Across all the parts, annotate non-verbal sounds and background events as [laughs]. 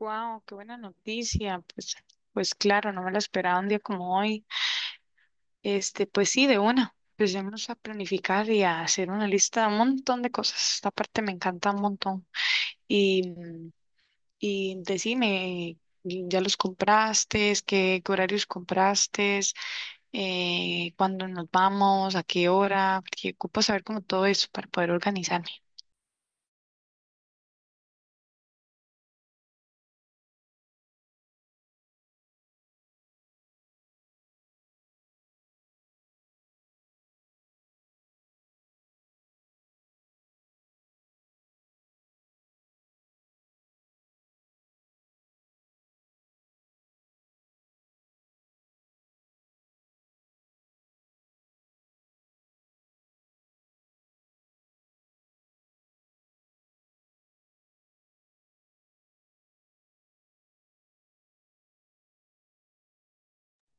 Wow, qué buena noticia. Pues, pues claro, no me la esperaba un día como hoy. Este, pues sí, de una. Empecemos a planificar y a hacer una lista de un montón de cosas. Esta parte me encanta un montón. Y, y decime, ¿ya los compraste? ¿Qué horarios compraste? ¿Cuándo nos vamos? ¿A qué hora? Porque ocupo saber como todo eso para poder organizarme.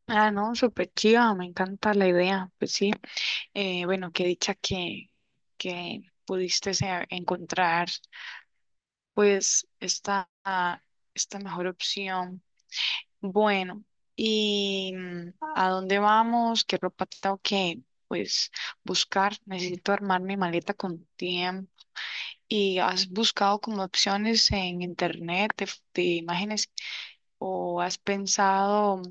Ah, no, súper chiva, me encanta la idea. Pues sí. Bueno, qué dicha que pudiste encontrar pues esta mejor opción. Bueno, ¿y a dónde vamos? ¿Qué ropa tengo que pues buscar? Necesito armar mi maleta con tiempo. ¿Y has buscado como opciones en internet de, de imágenes o has pensado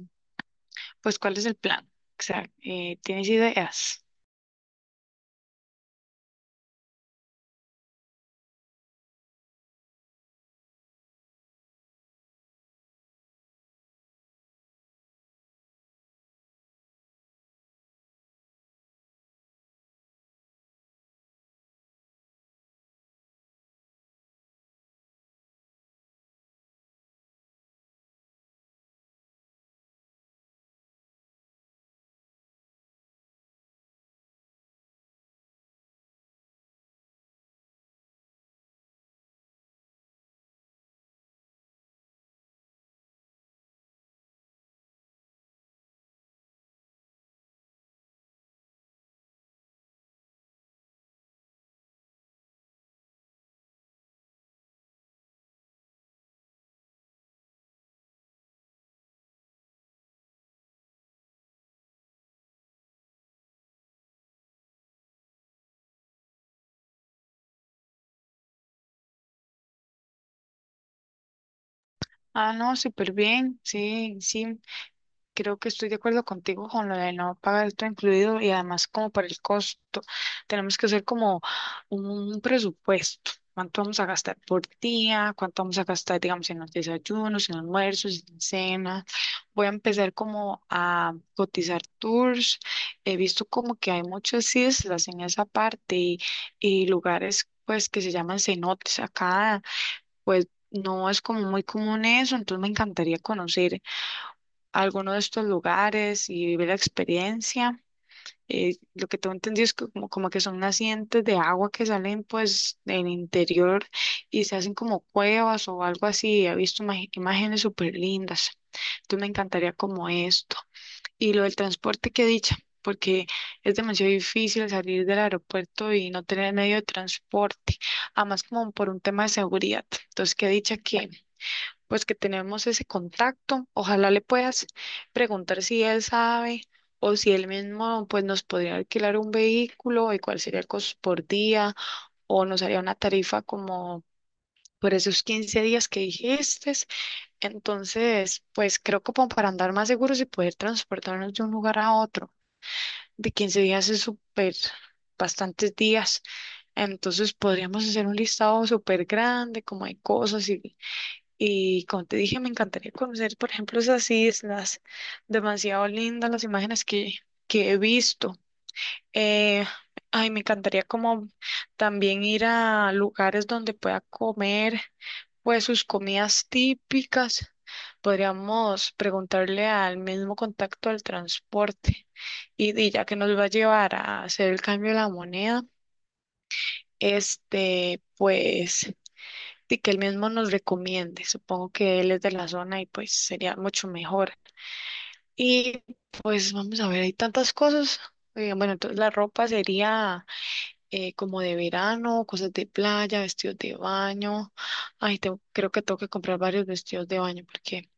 pues cuál es el plan? O sea, ¿tienes ideas? Ah, no, súper bien, sí, sí. Creo que estoy de acuerdo contigo con lo de no pagar todo incluido y además como por el costo. Tenemos que hacer como un presupuesto. ¿Cuánto vamos a gastar por día? ¿Cuánto vamos a gastar, digamos, en los desayunos, en almuerzos, en cenas? Voy a empezar como a cotizar tours. He visto como que hay muchas islas en esa parte y lugares pues que se llaman cenotes. Acá pues no es como muy común eso, entonces me encantaría conocer a alguno de estos lugares y vivir la experiencia. Lo que tengo entendido es que como que son nacientes de agua que salen pues del interior y se hacen como cuevas o algo así. He visto imágenes súper lindas. Entonces me encantaría como esto. Y lo del transporte, qué dicha, porque es demasiado difícil salir del aeropuerto y no tener medio de transporte, además como por un tema de seguridad. Entonces, qué dicha que pues que tenemos ese contacto. Ojalá le puedas preguntar si él sabe o si él mismo pues nos podría alquilar un vehículo y cuál sería el costo por día o nos haría una tarifa como por esos 15 días que dijiste. Entonces, pues creo que como para andar más seguros y poder transportarnos de un lugar a otro, de 15 días es súper, bastantes días. Entonces podríamos hacer un listado súper grande, como hay cosas y como te dije, me encantaría conocer, por ejemplo, esas islas. Demasiado lindas las imágenes que he visto. Eh, ay, me encantaría como también ir a lugares donde pueda comer, pues sus comidas típicas. Podríamos preguntarle al mismo contacto del transporte y ya que nos va a llevar a hacer el cambio de la moneda, este, pues y que él mismo nos recomiende. Supongo que él es de la zona y pues sería mucho mejor. Y pues vamos a ver, hay tantas cosas. Bueno, entonces la ropa sería como de verano, cosas de playa, vestidos de baño. Ay, creo que tengo que comprar varios vestidos de baño porque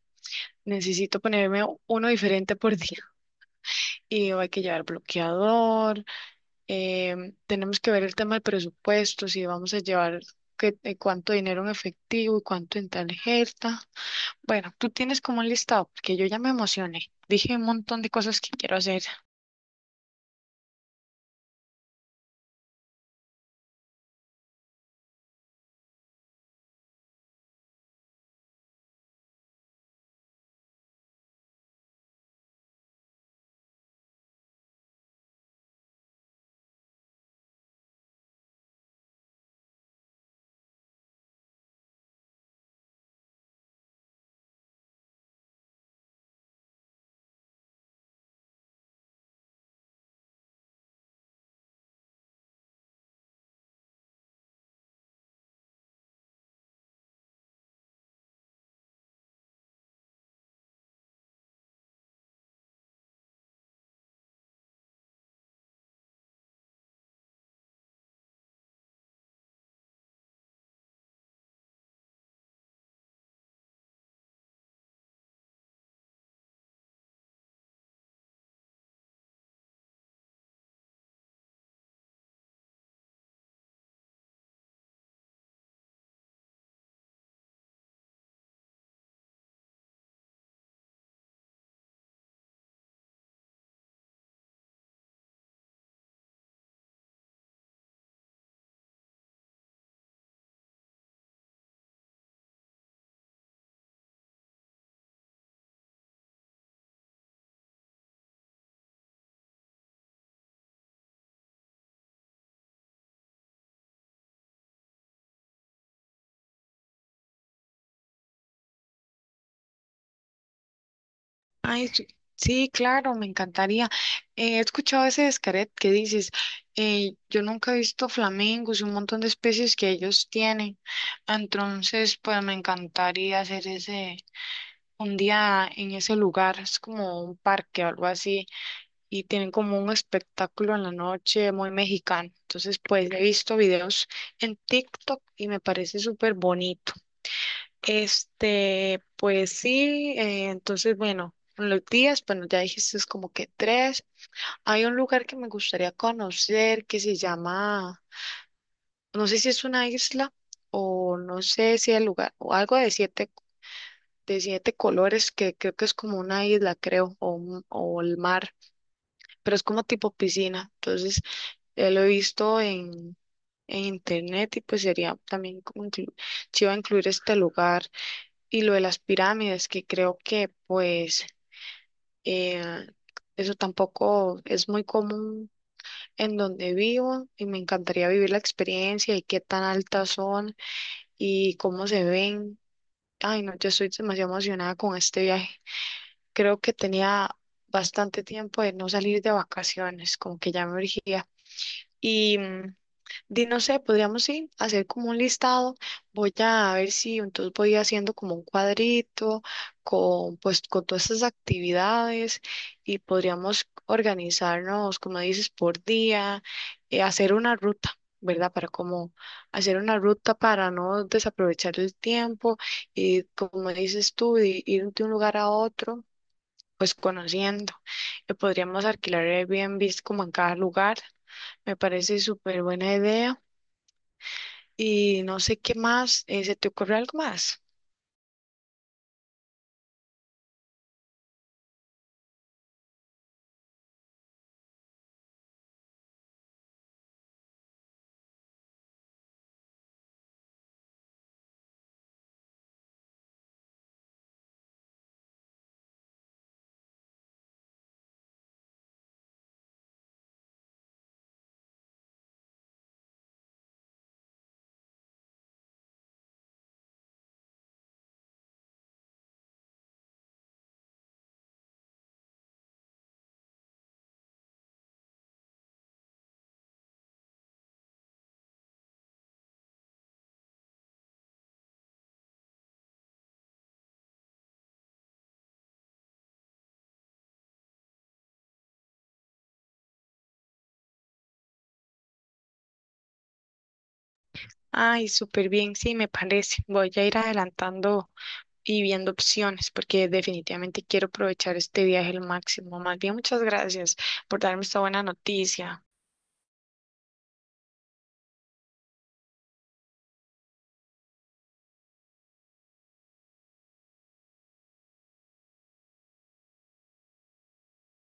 necesito ponerme uno diferente por [laughs] día. Y hay que llevar bloqueador. Tenemos que ver el tema del presupuesto, si vamos a llevar cuánto dinero en efectivo y cuánto en tarjeta. Bueno, tú tienes como un listado, porque yo ya me emocioné. Dije un montón de cosas que quiero hacer. Ay, sí, sí, claro, me encantaría. He escuchado ese descaret que dices, yo nunca he visto flamingos y un montón de especies que ellos tienen. Entonces, pues me encantaría hacer ese un día en ese lugar. Es como un parque o algo así. Y tienen como un espectáculo en la noche muy mexicano. Entonces, pues he visto videos en TikTok y me parece súper bonito. Este, pues sí, entonces bueno, en los días, bueno, ya dijiste es como que tres. Hay un lugar que me gustaría conocer que se llama, no sé si es una isla o no sé si el lugar, o algo de siete colores que creo que es como una isla, creo, o el mar, pero es como tipo piscina. Entonces, lo he visto en internet y pues sería también como chiva incluir este lugar. Y lo de las pirámides, que creo que pues eh, eso tampoco es muy común en donde vivo y me encantaría vivir la experiencia y qué tan altas son y cómo se ven. Ay, no, yo estoy demasiado emocionada con este viaje. Creo que tenía bastante tiempo de no salir de vacaciones, como que ya me urgía. Y di, no sé, podríamos sí hacer como un listado. Voy a ver si entonces voy haciendo como un cuadrito con pues con todas estas actividades y podríamos organizarnos, como dices, por día, hacer una ruta, ¿verdad? Para como hacer una ruta para no desaprovechar el tiempo y como dices tú, de ir de un lugar a otro, pues conociendo. Podríamos alquilar Airbnb como en cada lugar. Me parece súper buena idea. Y no sé qué más, ¿se te ocurre algo más? Ay, súper bien, sí, me parece. Voy a ir adelantando y viendo opciones porque definitivamente quiero aprovechar este viaje al máximo. Más bien, muchas gracias por darme esta buena noticia.